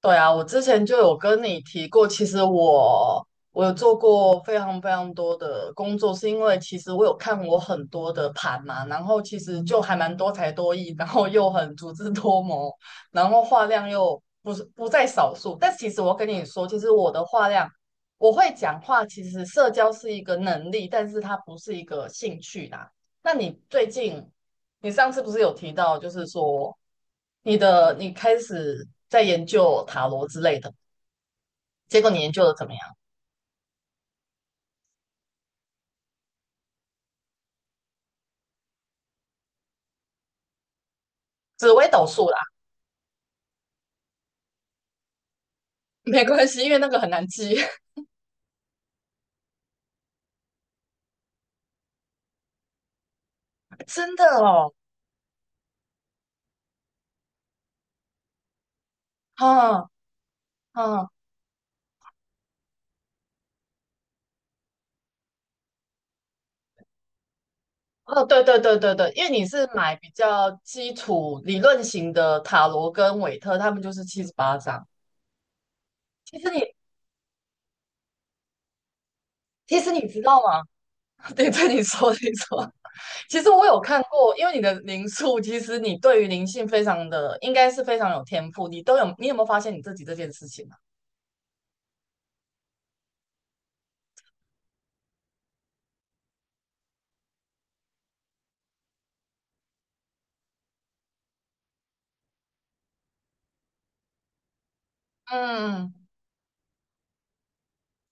对啊，我之前就有跟你提过，其实我有做过非常非常多的工作，是因为其实我有看我很多的盘嘛，然后其实就还蛮多才多艺，然后又很足智多谋，然后话量又不是不在少数。但其实我跟你说，其实我的话量，我会讲话，其实社交是一个能力，但是它不是一个兴趣啦。那你最近，你上次不是有提到，就是说。你开始在研究塔罗之类的，结果你研究的怎么样？紫微斗数啦，没关系，因为那个很难记。真的哦，嗯嗯哦，对对对对对，因为你是买比较基础理论型的塔罗跟韦特，他们就是78张。其实你其实你知道吗？对对，你说，其实我有看过，因为你的灵数，其实你对于灵性非常的，应该是非常有天赋。你都有，你有没有发现你自己这件事情啊？嗯，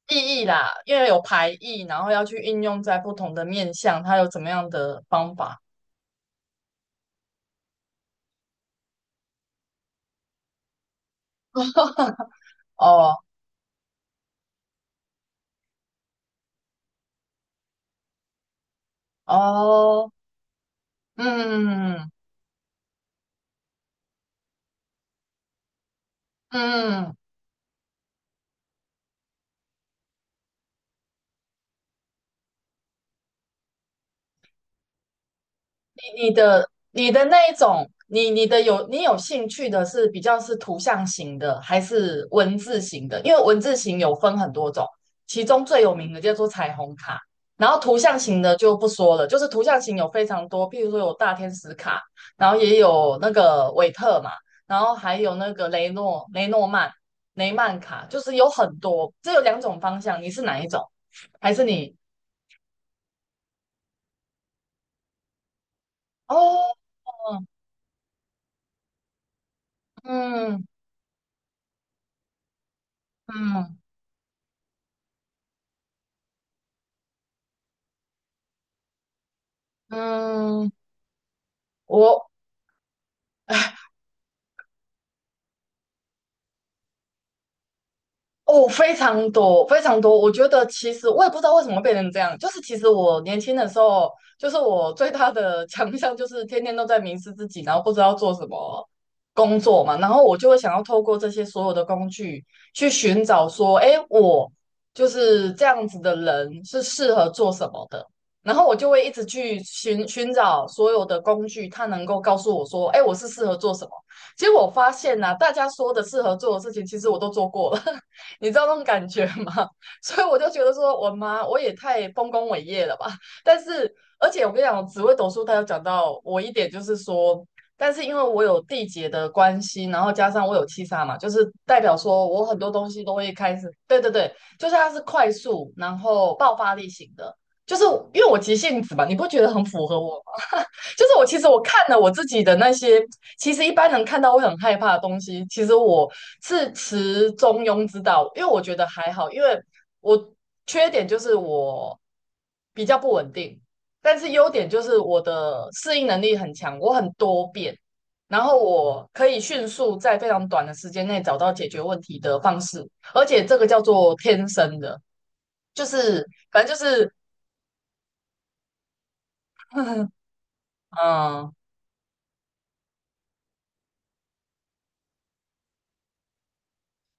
意义啦，因为有排异，然后要去应用在不同的面向，它有怎么样的方法？哦哦，嗯嗯。你的那一种，你兴趣的是比较是图像型的，还是文字型的？因为文字型有分很多种，其中最有名的叫做彩虹卡，然后图像型的就不说了，就是图像型有非常多，譬如说有大天使卡，然后也有那个韦特嘛，然后还有那个雷诺曼，就是有很多，这有两种方向，你是哪一种？还是你？哦，嗯嗯嗯。我哦，非常多，非常多。我觉得其实我也不知道为什么变成这样，就是其实我年轻的时候，就是我最大的强项就是天天都在迷失自己，然后不知道做什么工作嘛，然后我就会想要透过这些所有的工具去寻找说，哎，我就是这样子的人是适合做什么的，然后我就会一直去寻找所有的工具，它能够告诉我说，哎，我是适合做什么。结果我发现呐、大家说的适合做的事情，其实我都做过了。你知道那种感觉吗？所以我就觉得说，我妈我也太丰功伟业了吧。但是，而且我跟你讲，紫微斗数它有讲到我一点，就是说，但是因为我有地劫的关系，然后加上我有七杀嘛，就是代表说我很多东西都会开始，对对对，就是它是快速，然后爆发力型的，就是因为我急性子嘛，你不觉得很符合我吗？就是我其实我看了我自己的那些，其实一般人看到会很害怕的东西，其实我是持中庸之道，因为我觉得还好，因为我缺点就是我比较不稳定，但是优点就是我的适应能力很强，我很多变，然后我可以迅速在非常短的时间内找到解决问题的方式，而且这个叫做天生的，就是反正就是，嗯。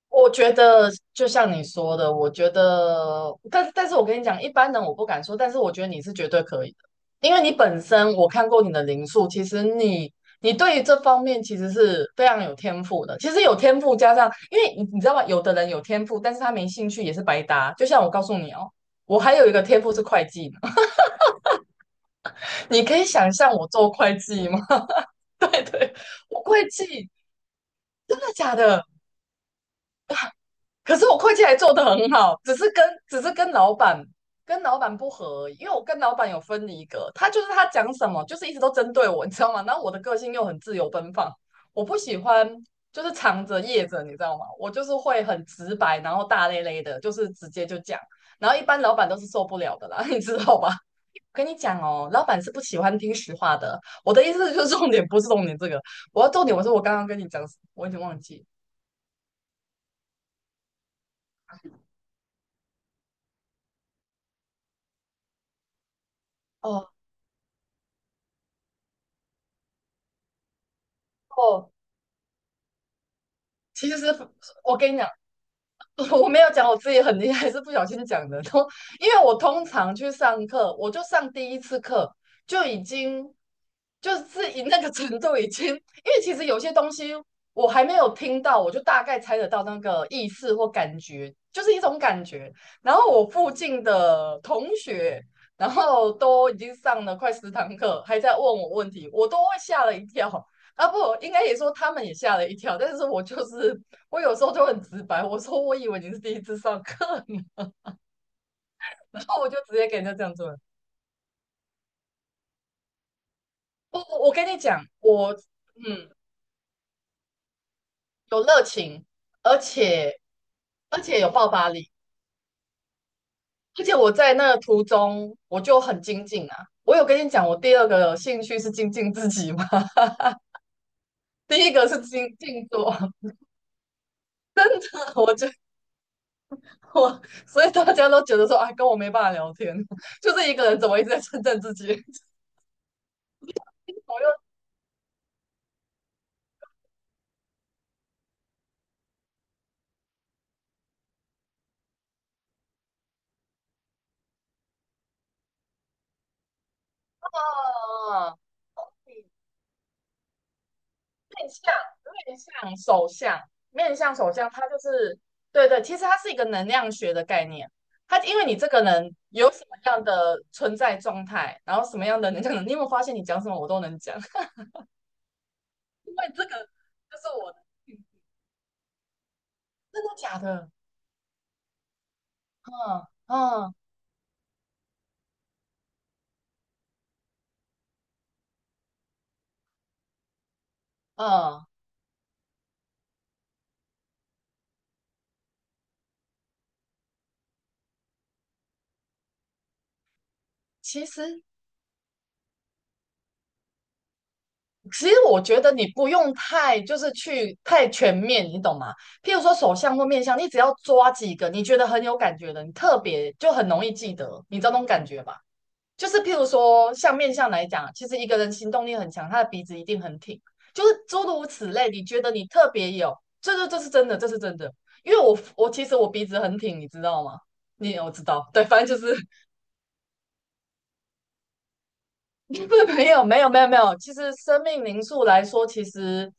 我觉得就像你说的，我觉得，但是我跟你讲，一般人我不敢说，但是我觉得你是绝对可以的，因为你本身我看过你的零数，其实你对于这方面其实是非常有天赋的。其实有天赋加上，因为你知道吗？有的人有天赋，但是他没兴趣也是白搭。就像我告诉你哦，我还有一个天赋是会计呢 你可以想象我做会计吗？对对，我会计，真的假的？可是我会计还做得很好，只是跟老板不合而已，因为我跟老板有分离格，他就是他讲什么就是一直都针对我，你知道吗？然后我的个性又很自由奔放，我不喜欢就是藏着掖着，你知道吗？我就是会很直白，然后大咧咧的，就是直接就讲，然后一般老板都是受不了的啦，你知道吧？跟你讲哦，老板是不喜欢听实话的。我的意思就是重点不是重点这个，我要重点我说我刚刚跟你讲什么我已经忘记哦哦，其实我跟你讲，我没有讲我自己很厉害，是不小心讲的。都因为我通常去上课，我就上第一次课就已经就是以那个程度已经，因为其实有些东西我还没有听到，我就大概猜得到那个意思或感觉，就是一种感觉。然后我附近的同学，然后都已经上了快10堂课，还在问我问题，我都会吓了一跳。啊不，应该也说他们也吓了一跳，但是我就是我有时候就很直白，我说我以为你是第一次上课 然后我就直接给人家这样做。不，我跟你讲，我有热情，而且而且有爆发力，而且我在那个途中我就很精进啊。我有跟你讲，我第二个兴趣是精进自己吗？第一个是精进做 我就我，所以大家都觉得说，哎，跟我没办法聊天，就是一个人怎么一直在称赞自己，我又啊。面向手相，它就是对对，其实它是一个能量学的概念。它因为你这个人有什么样的存在状态，然后什么样的能量，你有没有发现你讲什么我都能讲？这个就是我的，嗯真的假的？嗯嗯嗯，其实其实我觉得你不用太就是去太全面，你懂吗？譬如说手相或面相，你只要抓几个你觉得很有感觉的，你特别就很容易记得，你知道那种感觉吧？就是譬如说，像面相来讲，其实一个人行动力很强，他的鼻子一定很挺，就是诸如此类。你觉得你特别有，这是真的，这是真的。因为我其实我鼻子很挺，你知道吗？你我知道，对，反正就是 不是没有没有没有没有。其实生命灵数来说，其实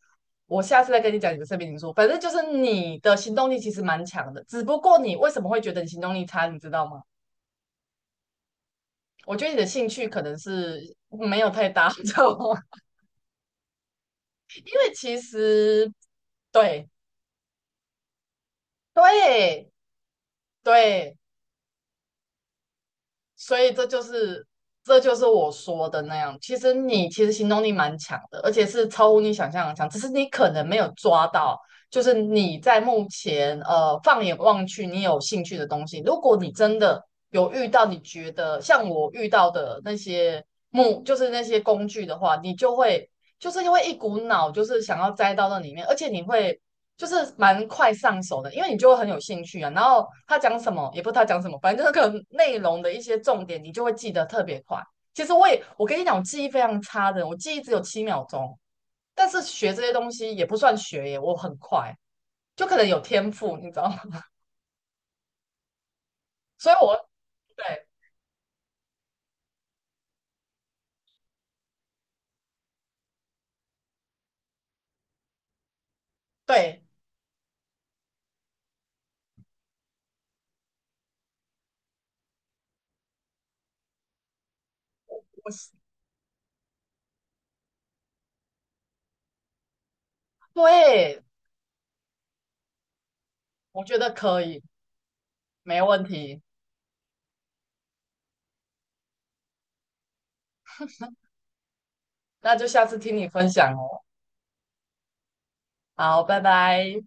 我下次再跟你讲你的生命灵数。反正就是你的行动力其实蛮强的，只不过你为什么会觉得你行动力差，你知道吗？我觉得你的兴趣可能是没有太大，你知道吗？为其实对对对，所以这就是我说的那样。其实你其实行动力蛮强的，而且是超乎你想象的强，只是你可能没有抓到，就是你在目前放眼望去，你有兴趣的东西。如果你真的有遇到，你觉得像我遇到的那些木，就是那些工具的话，你就会。就是因为一股脑，就是想要栽到那里面，而且你会就是蛮快上手的，因为你就会很有兴趣啊。然后他讲什么，也不知他讲什么，反正就是可能内容的一些重点，你就会记得特别快。其实我也，我跟你讲，我记忆非常差的，我记忆只有7秒钟。但是学这些东西也不算学耶，我很快，就可能有天赋，你知道吗？所以我对对，我是对，我觉得可以，没问题。那就下次听你分享哦。好，拜拜。